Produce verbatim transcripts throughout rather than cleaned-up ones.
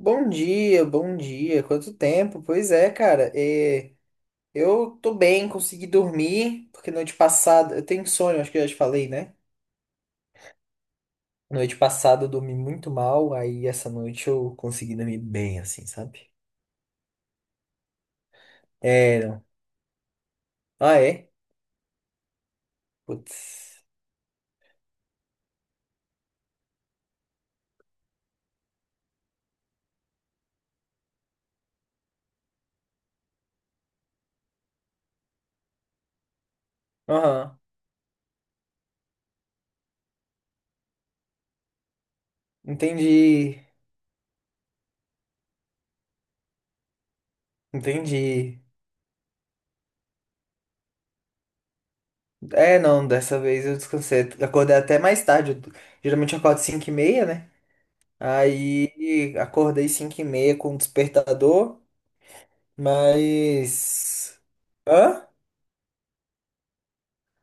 Bom dia, bom dia. Quanto tempo? Pois é, cara. É, eu tô bem, consegui dormir, porque noite passada. Eu tenho sono, acho que eu já te falei, né? Noite passada eu dormi muito mal, aí essa noite eu consegui dormir bem, assim, sabe? É, não. Ah, é? Putz. Aham. Entendi. Entendi. É, não, dessa vez eu descansei. Acordei até mais tarde. Eu- geralmente eu acordo cinco e meia, né? Aí acordei cinco e meia com o despertador. Mas. Hã?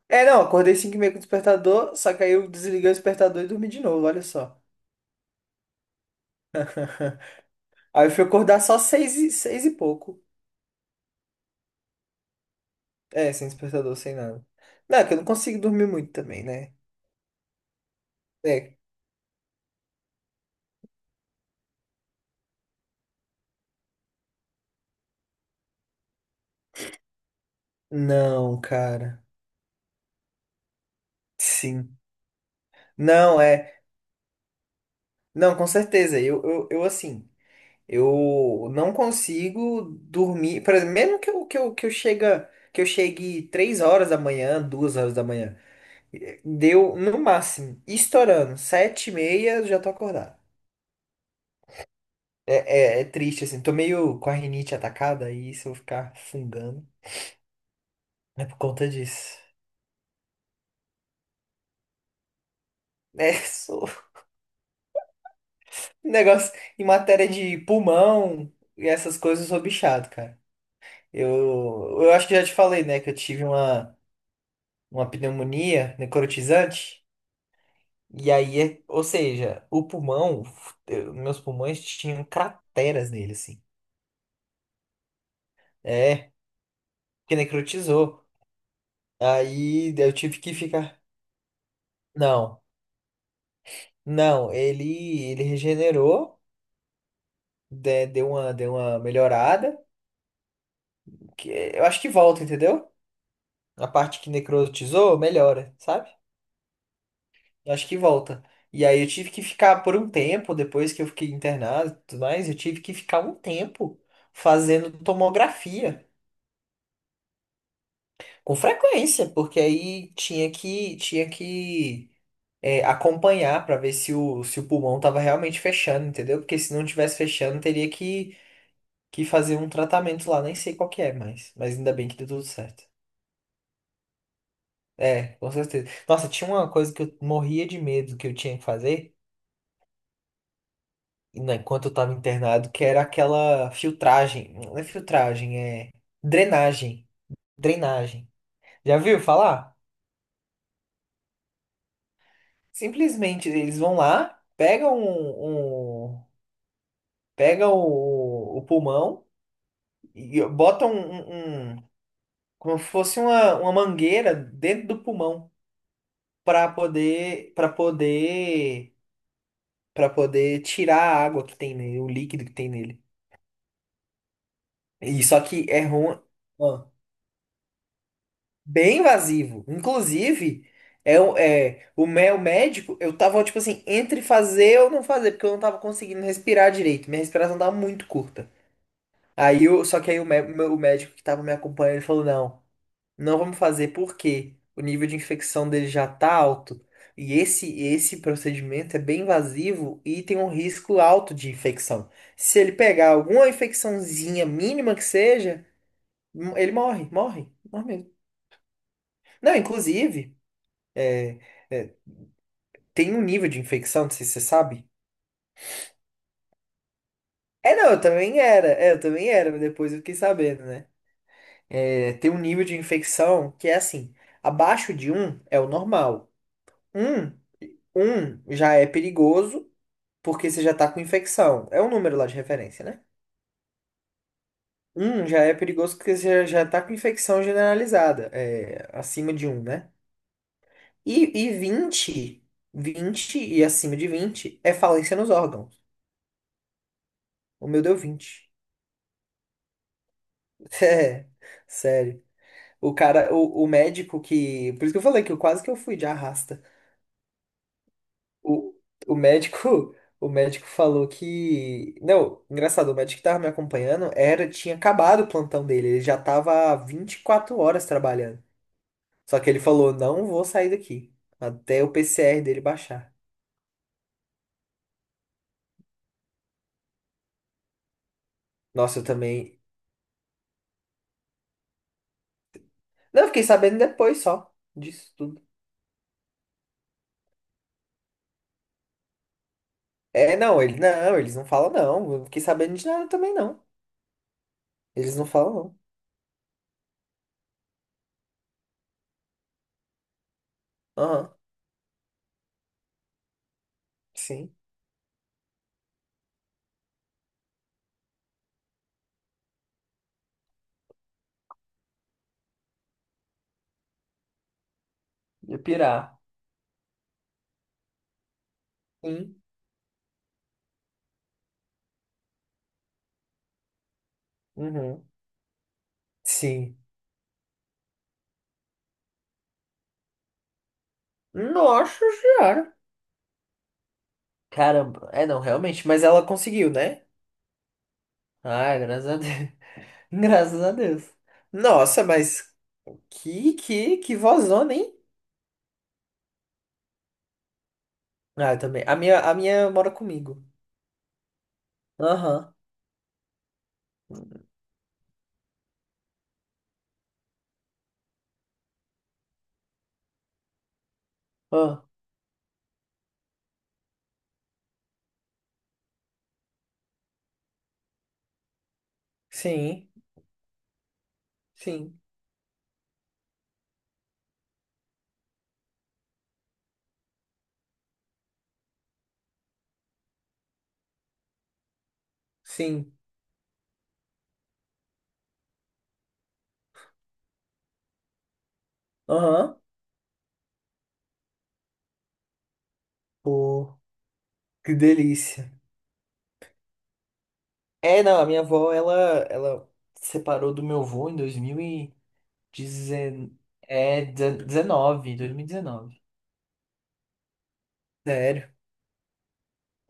É, não, acordei cinco e meia com o despertador, só que aí eu desliguei o despertador e dormi de novo, olha só. Aí eu fui acordar só seis e, seis e pouco. É, sem despertador, sem nada. Não, é que eu não consigo dormir muito também, né? É. Não, cara. Sim. Não, é. Não, com certeza. Eu, eu, eu assim, eu não consigo dormir. Por exemplo, mesmo que eu, que eu, que eu chega, que eu chegue três horas da manhã, duas horas da manhã. Deu, no máximo, estourando, sete e meia eu já tô acordado. É, é, é triste, assim, tô meio com a rinite atacada e se eu vou ficar fungando é por conta disso. É, sou um negócio em matéria de pulmão e essas coisas, eu sou bichado, cara. Eu, eu acho que já te falei, né, que eu tive uma, uma pneumonia necrotizante. E aí, é- ou seja, o pulmão, eu- meus pulmões tinham crateras nele, assim. É, porque necrotizou. Aí eu tive que ficar. Não, não, ele, ele regenerou, de- deu uma, deu uma melhorada. Que eu acho que volta, entendeu? A parte que necrotizou, melhora, sabe? Eu acho que volta. E aí eu tive que ficar por um tempo, depois que eu fiquei internado e tudo mais, eu tive que ficar um tempo fazendo tomografia. Com frequência, porque aí tinha que, tinha que é, acompanhar para ver se o, se o pulmão estava realmente fechando, entendeu? Porque se não tivesse fechando, teria que, que fazer um tratamento lá, nem sei qual que é, mas, mas ainda bem que deu tudo certo. É, com certeza. Nossa, tinha uma coisa que eu morria de medo que eu tinha que fazer, né, enquanto eu tava internado, que era aquela filtragem. Não é filtragem, é drenagem. Drenagem. Já viu falar? Simplesmente eles vão lá, pegam um, um- pegam o, o pulmão e botam um, um- como fosse uma, uma mangueira dentro do pulmão para poder para poder para poder tirar a água que tem nele, o líquido que tem nele. E só que é ruim, ó, bem invasivo. Inclusive, é, o- é o meu médico, eu tava tipo assim, entre fazer ou não fazer, porque eu não tava conseguindo respirar direito. Minha respiração tava muito curta. Aí eu, só que aí o, mé- o meu- o médico que tava me acompanhando, ele falou, não. Não vamos fazer porque o nível de infecção dele já está alto e esse esse procedimento é bem invasivo e tem um risco alto de infecção. Se ele pegar alguma infecçãozinha mínima que seja, m- ele morre, morre, morre mesmo. Não, inclusive, é, é, tem um nível de infecção, não sei se você sabe. É, não, eu também era, é, eu também era, mas depois eu fiquei sabendo, né? É, tem um nível de infecção que é assim, abaixo de um é o normal. um, um já é perigoso porque você já tá com infecção. É um número lá de referência, né? Um já é perigoso porque você já já tá com infecção generalizada, é, acima de um, né? E, e vinte vinte e acima de vinte é falência nos órgãos. O meu deu vinte. É, sério. O cara, o, o médico que. Por isso que eu falei que eu quase que eu fui de arrasta. O, o médico, o médico falou que, não, engraçado, o médico que tava me acompanhando era tinha acabado o plantão dele, ele já tava há vinte e quatro horas trabalhando. Só que ele falou: "Não vou sair daqui até o P C R dele baixar". Nossa, eu também. Não, eu fiquei sabendo depois só disso tudo. É, não, ele não, eles não falam não. Eu fiquei sabendo de nada também não. Eles não falam não. Aham. Sim. De pirar. Sim. Uhum. Sim. Nossa senhora. Caramba. É, não, realmente. Mas ela conseguiu, né? Ah, graças a Deus. Graças a Deus. Nossa, mas que, que, que vozona, hein? Ah, eu também. A minha, a minha mora comigo. Aham. Ah, sim. Sim. Sim. Aham. Pô, que delícia. É, não, a minha avó, ela, ela separou do meu avô em dois mil e dezenove. É, dezenove, dois mil e dezenove. Sério.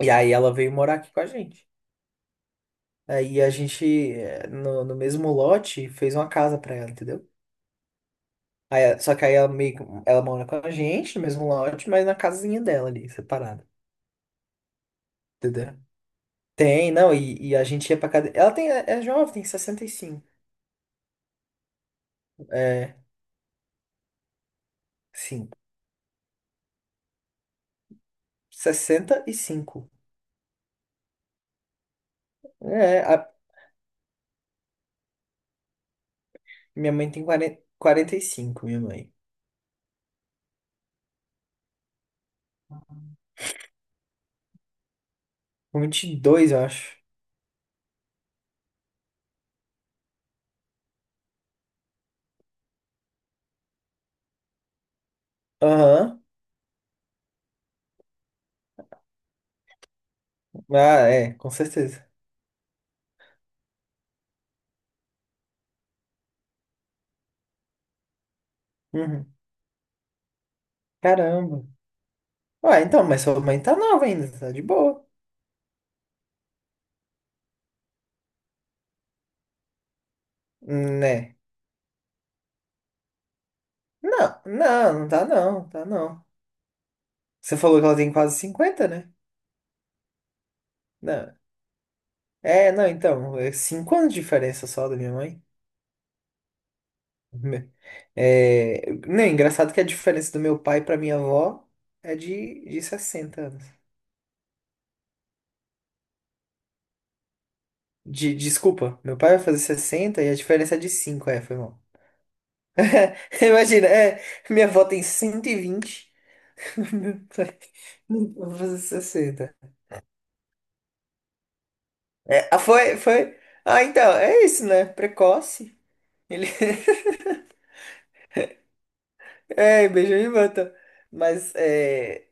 E aí ela veio morar aqui com a gente. Aí a gente, eh, no, no mesmo lote, fez uma casa pra ela, entendeu? Aí, eh, só que aí ela meio que- ela mora com a gente no mesmo lote, mas na casinha dela ali, separada, entendeu? Tem, não, e, e a gente ia pra casa. Ela tem, é é jovem, tem sessenta e cinco. É, sim, sessenta e cinco. É, a- minha mãe tem quarenta quarenta e cinco, minha mãe. vinte e dois, eu acho. Aham, ah, é, com certeza. Uhum. Caramba. Ah, então, mas sua mãe tá nova ainda, tá de boa, né? Não, não, não tá não, tá não. Você falou que ela tem quase cinquenta, né? Não. É, não, então, é cinco anos de diferença só da minha mãe. Me- É, não, é engraçado que a diferença do meu pai pra minha avó é de, de sessenta anos. De, desculpa, meu pai vai fazer sessenta e a diferença é de cinco, é, foi mal. Imagina, é, minha avó tem cento e vinte, meu pai vai fazer sessenta. É, ah, foi, foi. Ah, então, é isso, né? Precoce. Ele. É, Benjamin Button. Mas, é...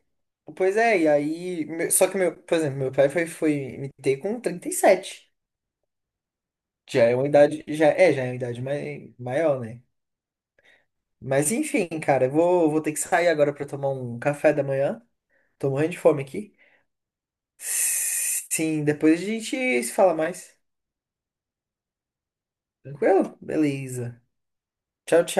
pois é, e aí, meu- só que, meu, por exemplo, meu pai foi, foi me ter com trinta e sete. Já é uma idade. Já, é, já é uma idade mai, maior, né? Mas, enfim, cara, eu vou, vou ter que sair agora pra tomar um café da manhã. Tô morrendo de fome aqui. Sim, depois a gente se fala mais. Tranquilo? Beleza. Tchau, tchau.